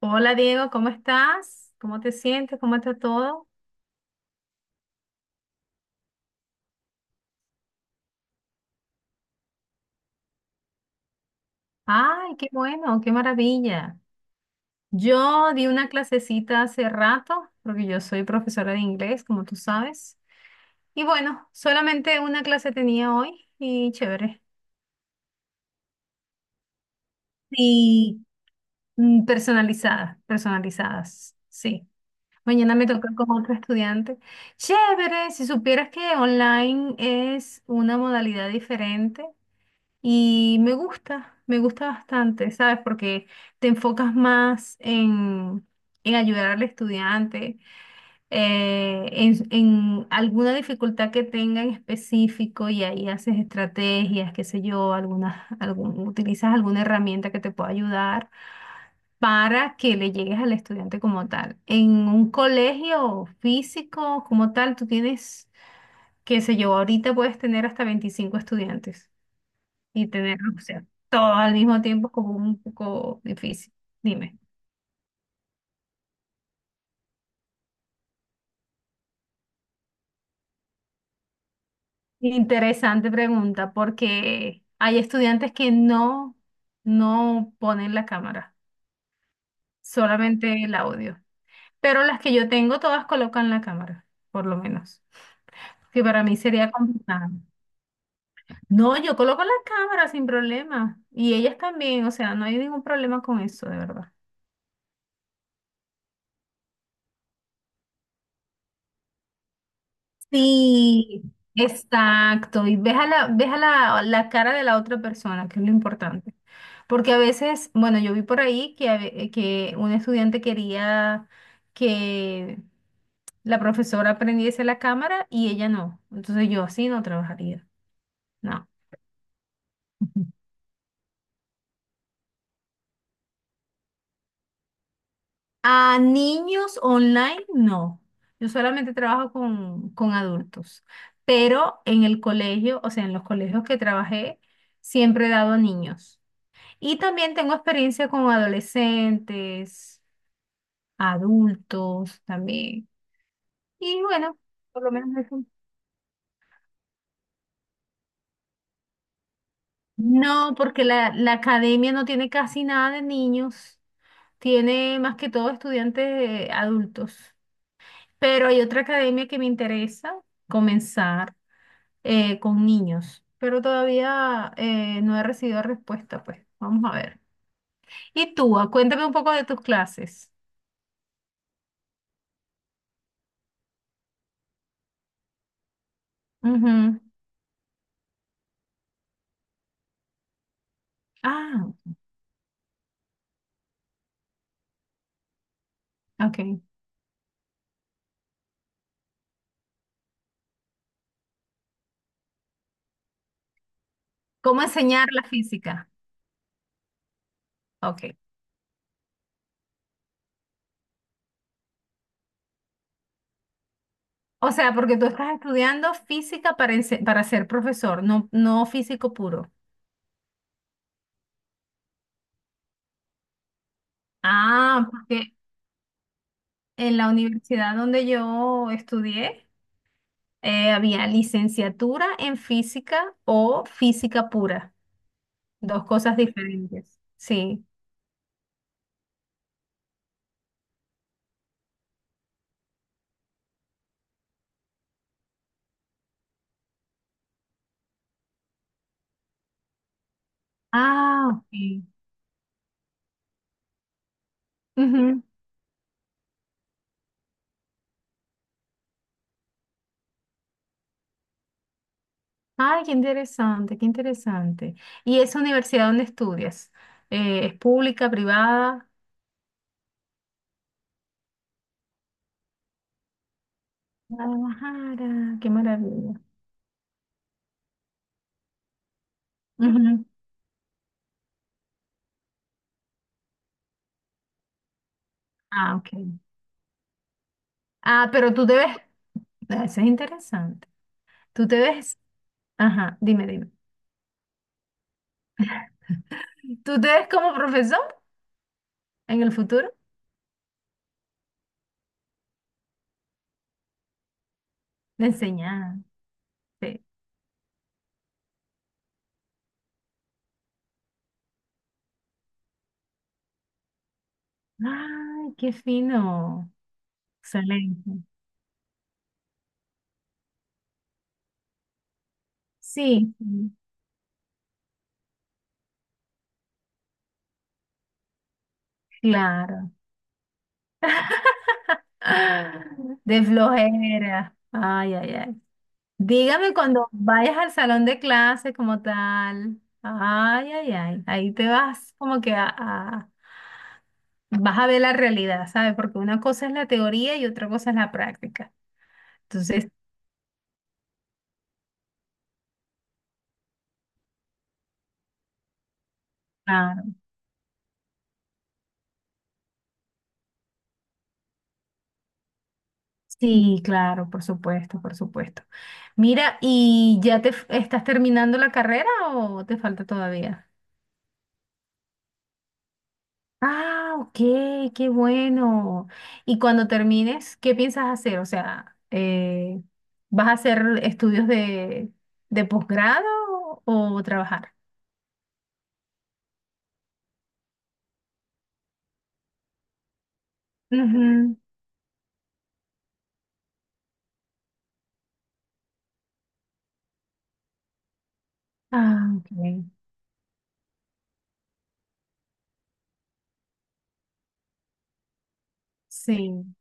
Hola Diego, ¿cómo estás? ¿Cómo te sientes? ¿Cómo está todo? Ay, qué bueno, qué maravilla. Yo di una clasecita hace rato, porque yo soy profesora de inglés, como tú sabes. Y bueno, solamente una clase tenía hoy y chévere. Sí, personalizadas, personalizadas, sí. Mañana me toca con otro estudiante. Chévere, si supieras que online es una modalidad diferente. Y me gusta bastante, ¿sabes? Porque te enfocas más en ayudar al estudiante, en alguna dificultad que tenga en específico y ahí haces estrategias, qué sé yo, algunas, utilizas alguna herramienta que te pueda ayudar para que le llegues al estudiante como tal. En un colegio físico como tal, tú tienes, qué sé yo, ahorita puedes tener hasta 25 estudiantes y tener, o sea, todo al mismo tiempo es como un poco difícil. Dime. Interesante pregunta, porque hay estudiantes que no, no ponen la cámara, solamente el audio. Pero las que yo tengo, todas colocan la cámara, por lo menos. Que para mí sería complicado. No, yo coloco la cámara sin problema. Y ellas también, o sea, no hay ningún problema con eso, de verdad. Sí, exacto. Y la cara de la otra persona, que es lo importante. Porque a veces, bueno, yo vi por ahí que, que un estudiante quería que la profesora prendiese la cámara y ella no. Entonces yo así no trabajaría. No. A niños online, no. Yo solamente trabajo con adultos. Pero en el colegio, o sea, en los colegios que trabajé, siempre he dado a niños. Y también tengo experiencia con adolescentes, adultos también. Y bueno, por lo menos eso. No, porque la academia no tiene casi nada de niños, tiene más que todo estudiantes adultos. Pero hay otra academia que me interesa comenzar con niños, pero todavía no he recibido respuesta, pues vamos a ver. Y tú, ah, cuéntame un poco de tus clases. Ujú. Ah, ok. ¿Cómo enseñar la física? Ok. O sea, porque tú estás estudiando física para, para ser profesor, no, no físico puro. Ah, porque en la universidad donde yo estudié, había licenciatura en física o física pura, dos cosas diferentes. Sí. Ah, ok. Ujú. Ay, qué interesante, qué interesante. ¿Y esa universidad donde estudias? ¿Es pública, privada? Guadalajara, qué maravilla. Ujú. Ah, ok. Ah, pero tú te ves, ah, eso es interesante. Tú te ves, ajá, dime, dime. ¿Tú te ves como profesor en el futuro? De enseñar. Sí. Ay, qué fino. Excelente. Sí, sí, claro. Ah, de flojera. Ay, ay, ay. Dígame cuando vayas al salón de clase como tal. Ay, ay, ay. Ahí te vas como que vas a ver la realidad, ¿sabes? Porque una cosa es la teoría y otra cosa es la práctica. Entonces, claro, sí, claro, por supuesto, por supuesto. Mira, ¿y ya estás terminando la carrera o te falta todavía? Ah, ok, qué bueno. Y cuando termines, ¿qué piensas hacer? O sea, ¿vas a hacer estudios de posgrado o trabajar? Ujú. Ah, ok. Sí,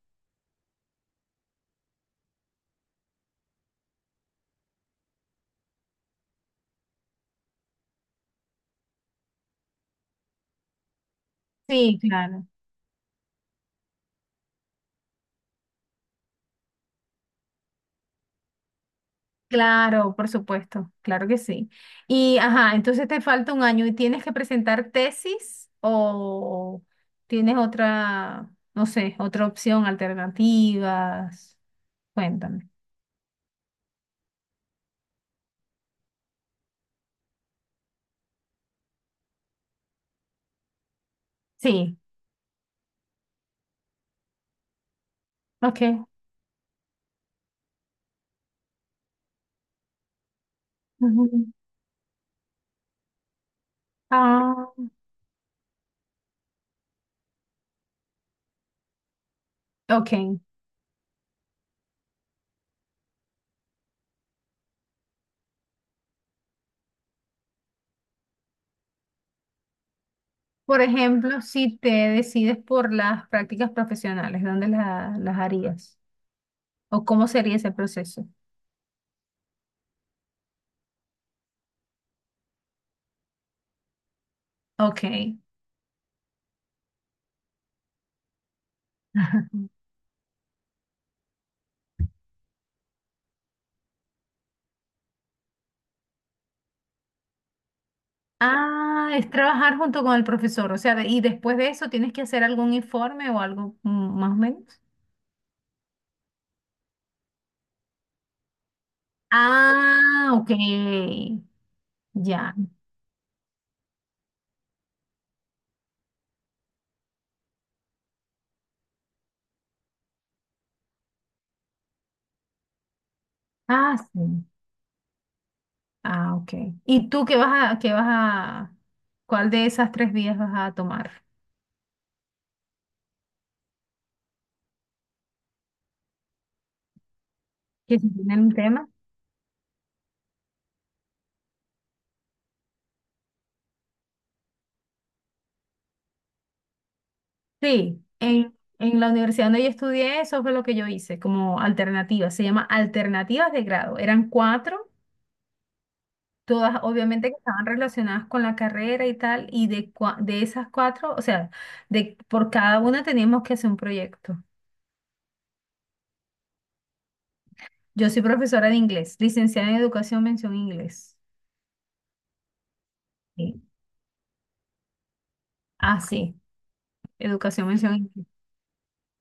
sí, claro. Claro, por supuesto, claro que sí. Y, ajá, entonces te falta un año y tienes que presentar tesis o tienes otra, no sé, otra opción, alternativas. Cuéntame. Sí, ok. Ujú. Ah, ok. Por ejemplo, si te decides por las prácticas profesionales, ¿dónde las harías? ¿O cómo sería ese proceso? Ok. Ah, es trabajar junto con el profesor, o sea, y después de eso tienes que hacer algún informe o algo más o menos. Ah, ok, ya. Ah, sí. Ah, ok. ¿Y tú qué vas a, cuál de esas tres vías vas a tomar? ¿Que si tienen un tema? Sí, en la universidad donde yo estudié, eso fue lo que yo hice como alternativa. Se llama alternativas de grado. Eran cuatro. Todas obviamente que estaban relacionadas con la carrera y tal, y de esas cuatro, o sea, de, por cada una teníamos que hacer un proyecto. Yo soy profesora de inglés, licenciada en educación, mención inglés. Sí. Ah, sí, educación, mención inglés.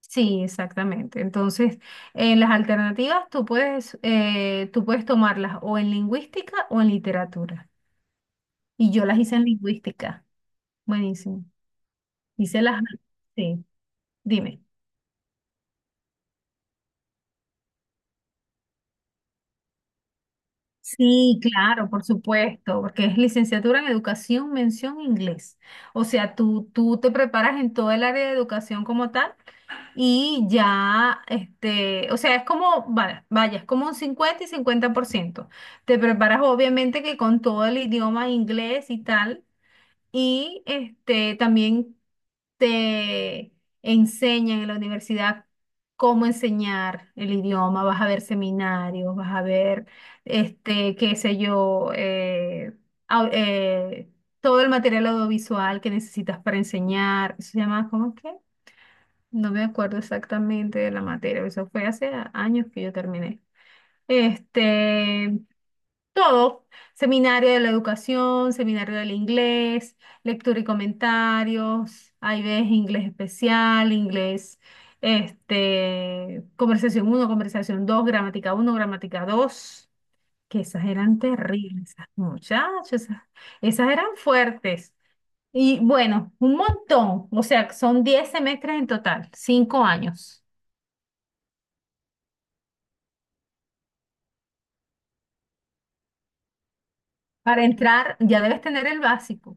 Sí, exactamente. Entonces, en las alternativas tú puedes tomarlas o en lingüística o en literatura. Y yo las hice en lingüística. Buenísimo. Hice las... Sí, dime. Sí, claro, por supuesto, porque es licenciatura en educación, mención inglés. O sea, tú te preparas en todo el área de educación como tal y ya, este, o sea, es como, vaya, vaya, es como un 50 y 50%. Te preparas obviamente que con todo el idioma inglés y tal, y este, también te enseñan en la universidad cómo enseñar el idioma, vas a ver seminarios, vas a ver, este, qué sé yo, au- eh, todo el material audiovisual que necesitas para enseñar. Eso se llama, ¿cómo es que? No me acuerdo exactamente de la materia, eso fue hace años que yo terminé. Este, todo, seminario de la educación, seminario del inglés, lectura y comentarios, ahí ves inglés especial, inglés, este, conversación uno, conversación 2, gramática uno, gramática 2. Que esas eran terribles, esas muchachas, esas, esas eran fuertes. Y bueno, un montón, o sea, son 10 semestres en total, 5 años. Para entrar ya debes tener el básico,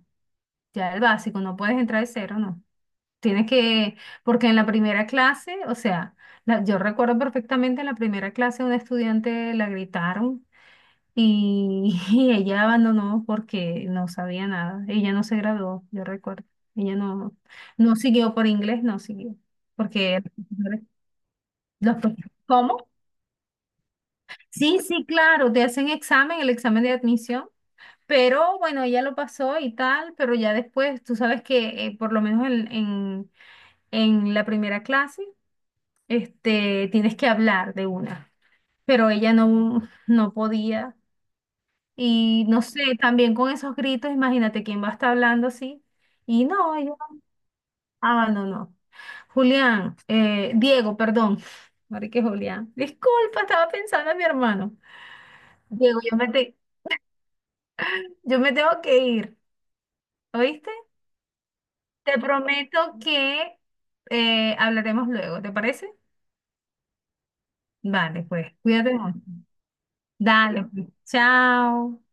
ya el básico, no puedes entrar de cero, ¿no? Tienes que, porque en la primera clase, o sea, yo recuerdo perfectamente en la primera clase una estudiante la gritaron y, y ella abandonó porque no sabía nada. Ella no se graduó, yo recuerdo. Ella no, no siguió por inglés, no siguió. Porque ¿Cómo? Sí, sí, claro, te hacen examen, el examen de admisión. Pero bueno, ella lo pasó y tal, pero ya después, tú sabes que por lo menos en, en la primera clase, este, tienes que hablar de una. Pero ella no, no podía. Y no sé, también con esos gritos, imagínate quién va a estar hablando así. Y no, ella abandonó. Julián, Diego, perdón. Marique Julián. Disculpa, estaba pensando en mi hermano. Diego, yo me tengo que ir. ¿Oíste? Te prometo que hablaremos luego, ¿te parece? Vale, pues, cuídate mucho. Dale, pues. Chao.